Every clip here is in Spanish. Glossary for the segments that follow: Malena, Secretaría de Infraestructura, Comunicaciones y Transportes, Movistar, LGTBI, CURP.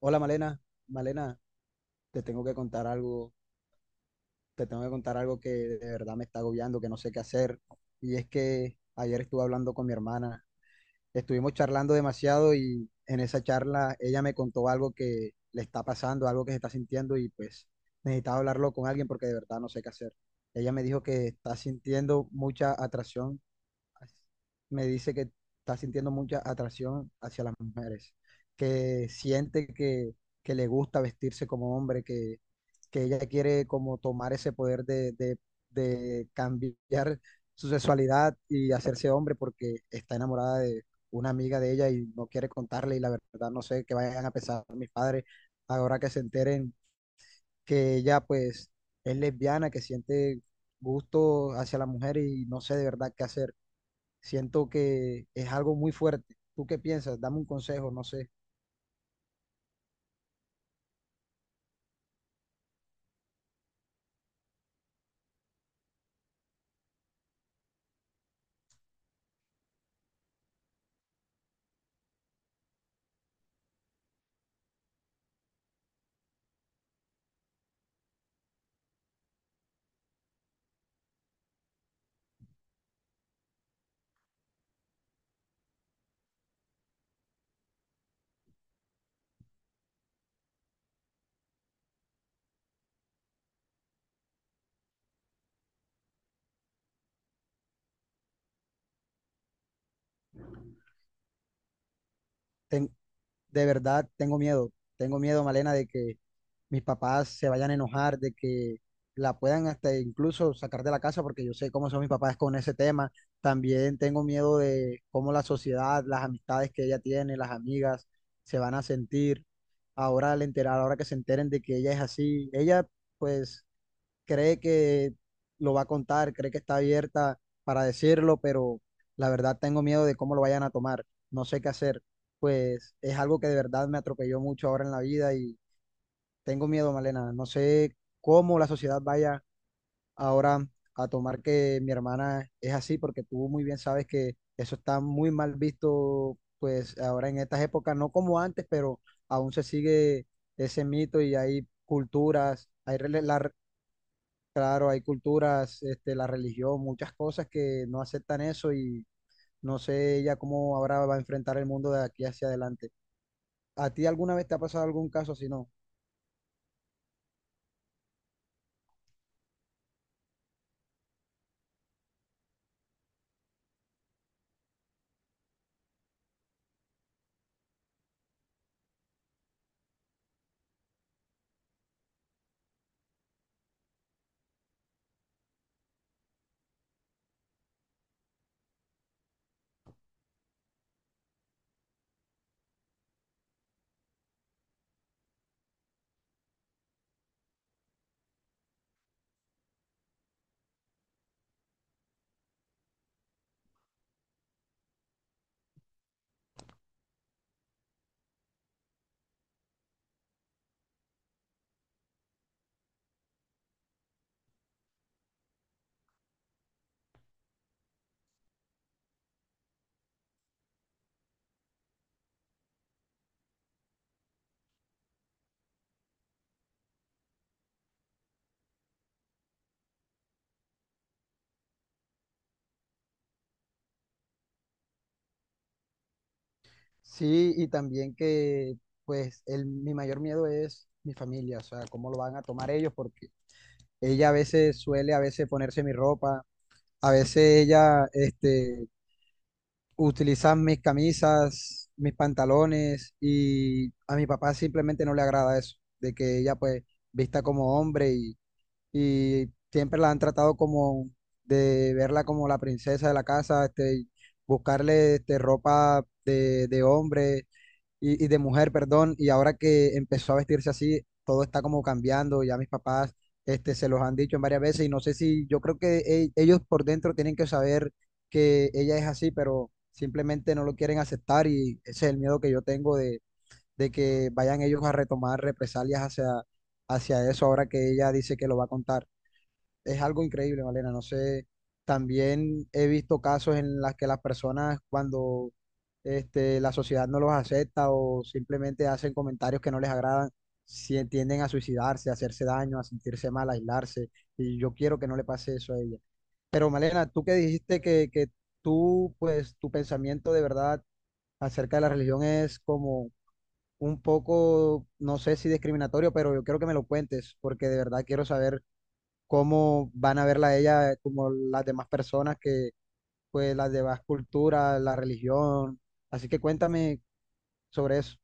Hola Malena, Malena, te tengo que contar algo, te tengo que contar algo que de verdad me está agobiando, que no sé qué hacer. Y es que ayer estuve hablando con mi hermana, estuvimos charlando demasiado y en esa charla ella me contó algo que le está pasando, algo que se está sintiendo y pues necesitaba hablarlo con alguien porque de verdad no sé qué hacer. Ella me dijo que está sintiendo mucha atracción, me dice que está sintiendo mucha atracción hacia las mujeres, que siente que le gusta vestirse como hombre, que ella quiere como tomar ese poder de de cambiar su sexualidad y hacerse hombre porque está enamorada de una amiga de ella y no quiere contarle, y la verdad no sé qué vayan a pensar mis padres ahora que se enteren que ella, pues, es lesbiana, que siente gusto hacia la mujer y no sé de verdad qué hacer. Siento que es algo muy fuerte. ¿Tú qué piensas? Dame un consejo, no sé. Ten- de verdad tengo miedo. Tengo miedo, Malena, de que mis papás se vayan a enojar, de que la puedan hasta incluso sacar de la casa, porque yo sé cómo son mis papás con ese tema. También tengo miedo de cómo la sociedad, las amistades que ella tiene, las amigas, se van a sentir. Ahora al enterar, ahora que se enteren de que ella es así, ella pues cree que lo va a contar, cree que está abierta para decirlo, pero la verdad tengo miedo de cómo lo vayan a tomar. No sé qué hacer. Pues es algo que de verdad me atropelló mucho ahora en la vida y tengo miedo, Malena. No sé cómo la sociedad vaya ahora a tomar que mi hermana es así, porque tú muy bien sabes que eso está muy mal visto, pues ahora en estas épocas, no como antes, pero aún se sigue ese mito y hay culturas, Claro, hay culturas, este, la religión, muchas cosas que no aceptan eso y no sé ella cómo ahora va a enfrentar el mundo de aquí hacia adelante. ¿A ti alguna vez te ha pasado algún caso si no? Sí, y también que pues el, mi mayor miedo es mi familia, o sea, cómo lo van a tomar ellos, porque ella a veces suele a veces ponerse mi ropa, a veces ella, este, utilizan mis camisas, mis pantalones, y a mi papá simplemente no le agrada eso, de que ella pues vista como hombre y siempre la han tratado como de verla como la princesa de la casa, este, buscarle, este, ropa de hombre, y de mujer, perdón, y ahora que empezó a vestirse así, todo está como cambiando, ya mis papás, este, se los han dicho en varias veces y no sé, si yo creo que ellos por dentro tienen que saber que ella es así, pero simplemente no lo quieren aceptar, y ese es el miedo que yo tengo de que vayan ellos a retomar represalias hacia, hacia eso ahora que ella dice que lo va a contar. Es algo increíble, Malena. No sé, también he visto casos en las que las personas cuando, este, la sociedad no los acepta o simplemente hacen comentarios que no les agradan, si tienden a suicidarse, a hacerse daño, a sentirse mal, a aislarse. Y yo quiero que no le pase eso a ella. Pero Malena, tú que dijiste que tú, pues tu pensamiento de verdad acerca de la religión es como un poco, no sé si discriminatorio, pero yo quiero que me lo cuentes porque de verdad quiero saber cómo van a verla a ella como las demás personas que, pues, las demás culturas, la religión. Así que cuéntame sobre eso.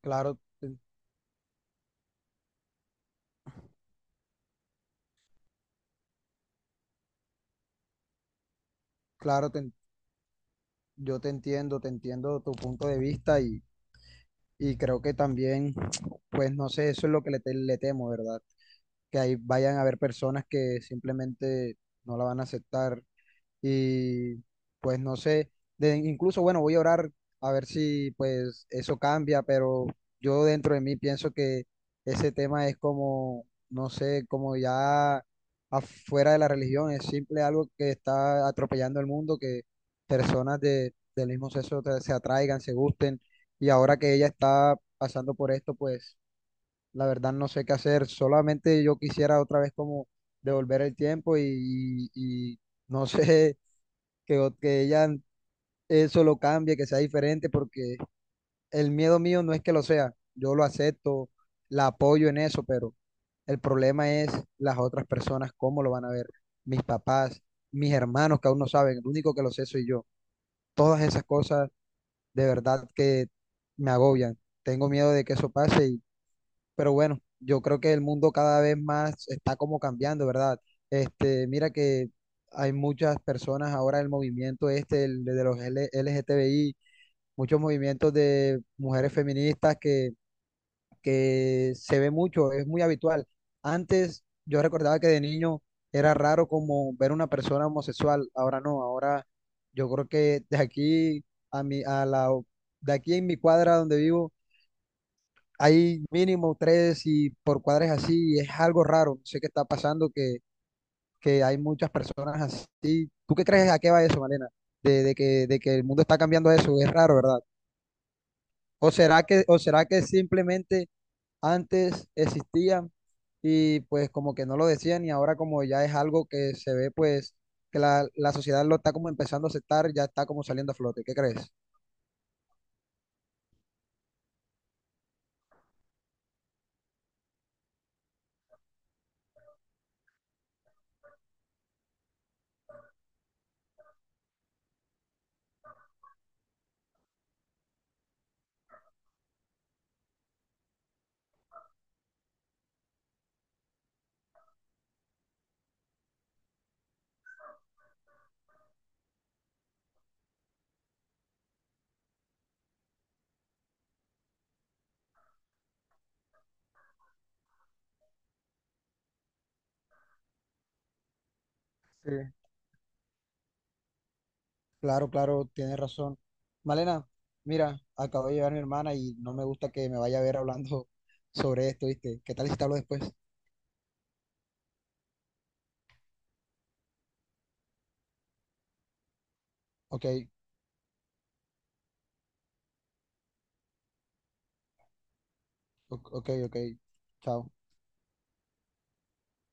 Claro, te- claro, yo te entiendo tu punto de vista y creo que también, pues no sé, eso es lo que le temo, ¿verdad? Que ahí vayan a haber personas que simplemente no la van a aceptar, y pues no sé, incluso, bueno, voy a orar a ver si pues eso cambia, pero yo dentro de mí pienso que ese tema es como, no sé, como ya afuera de la religión, es simple algo que está atropellando el mundo, que personas de, del mismo sexo se atraigan, se gusten, y ahora que ella está pasando por esto, pues la verdad no sé qué hacer, solamente yo quisiera otra vez como devolver el tiempo y no sé que, que ella eso lo cambie, que sea diferente, porque el miedo mío no es que lo sea, yo lo acepto, la apoyo en eso, pero el problema es las otras personas, cómo lo van a ver, mis papás, mis hermanos que aún no saben, el único que lo sé soy yo. Todas esas cosas de verdad que me agobian. Tengo miedo de que eso pase, pero bueno, yo creo que el mundo cada vez más está como cambiando, ¿verdad? Este, mira que hay muchas personas ahora, el movimiento este, el de los LGTBI, muchos movimientos de mujeres feministas que se ve mucho, es muy habitual. Antes yo recordaba que de niño era raro como ver una persona homosexual, ahora no, ahora yo creo que de aquí a de aquí en mi cuadra donde vivo hay mínimo tres y por cuadres así, y es algo raro. No sé qué está pasando, que hay muchas personas así. ¿Tú qué crees a qué va eso, Malena? De que el mundo está cambiando a eso, es raro, ¿verdad? O será que simplemente antes existían y pues como que no lo decían y ahora como ya es algo que se ve, pues que la sociedad lo está como empezando a aceptar, ya está como saliendo a flote? ¿Qué crees? Sí. Claro, claro, tienes razón. Malena, mira, acabo de llegar mi hermana y no me gusta que me vaya a ver hablando sobre esto, ¿viste? ¿Qué tal si te hablo después? Ok, ok, ok, chao.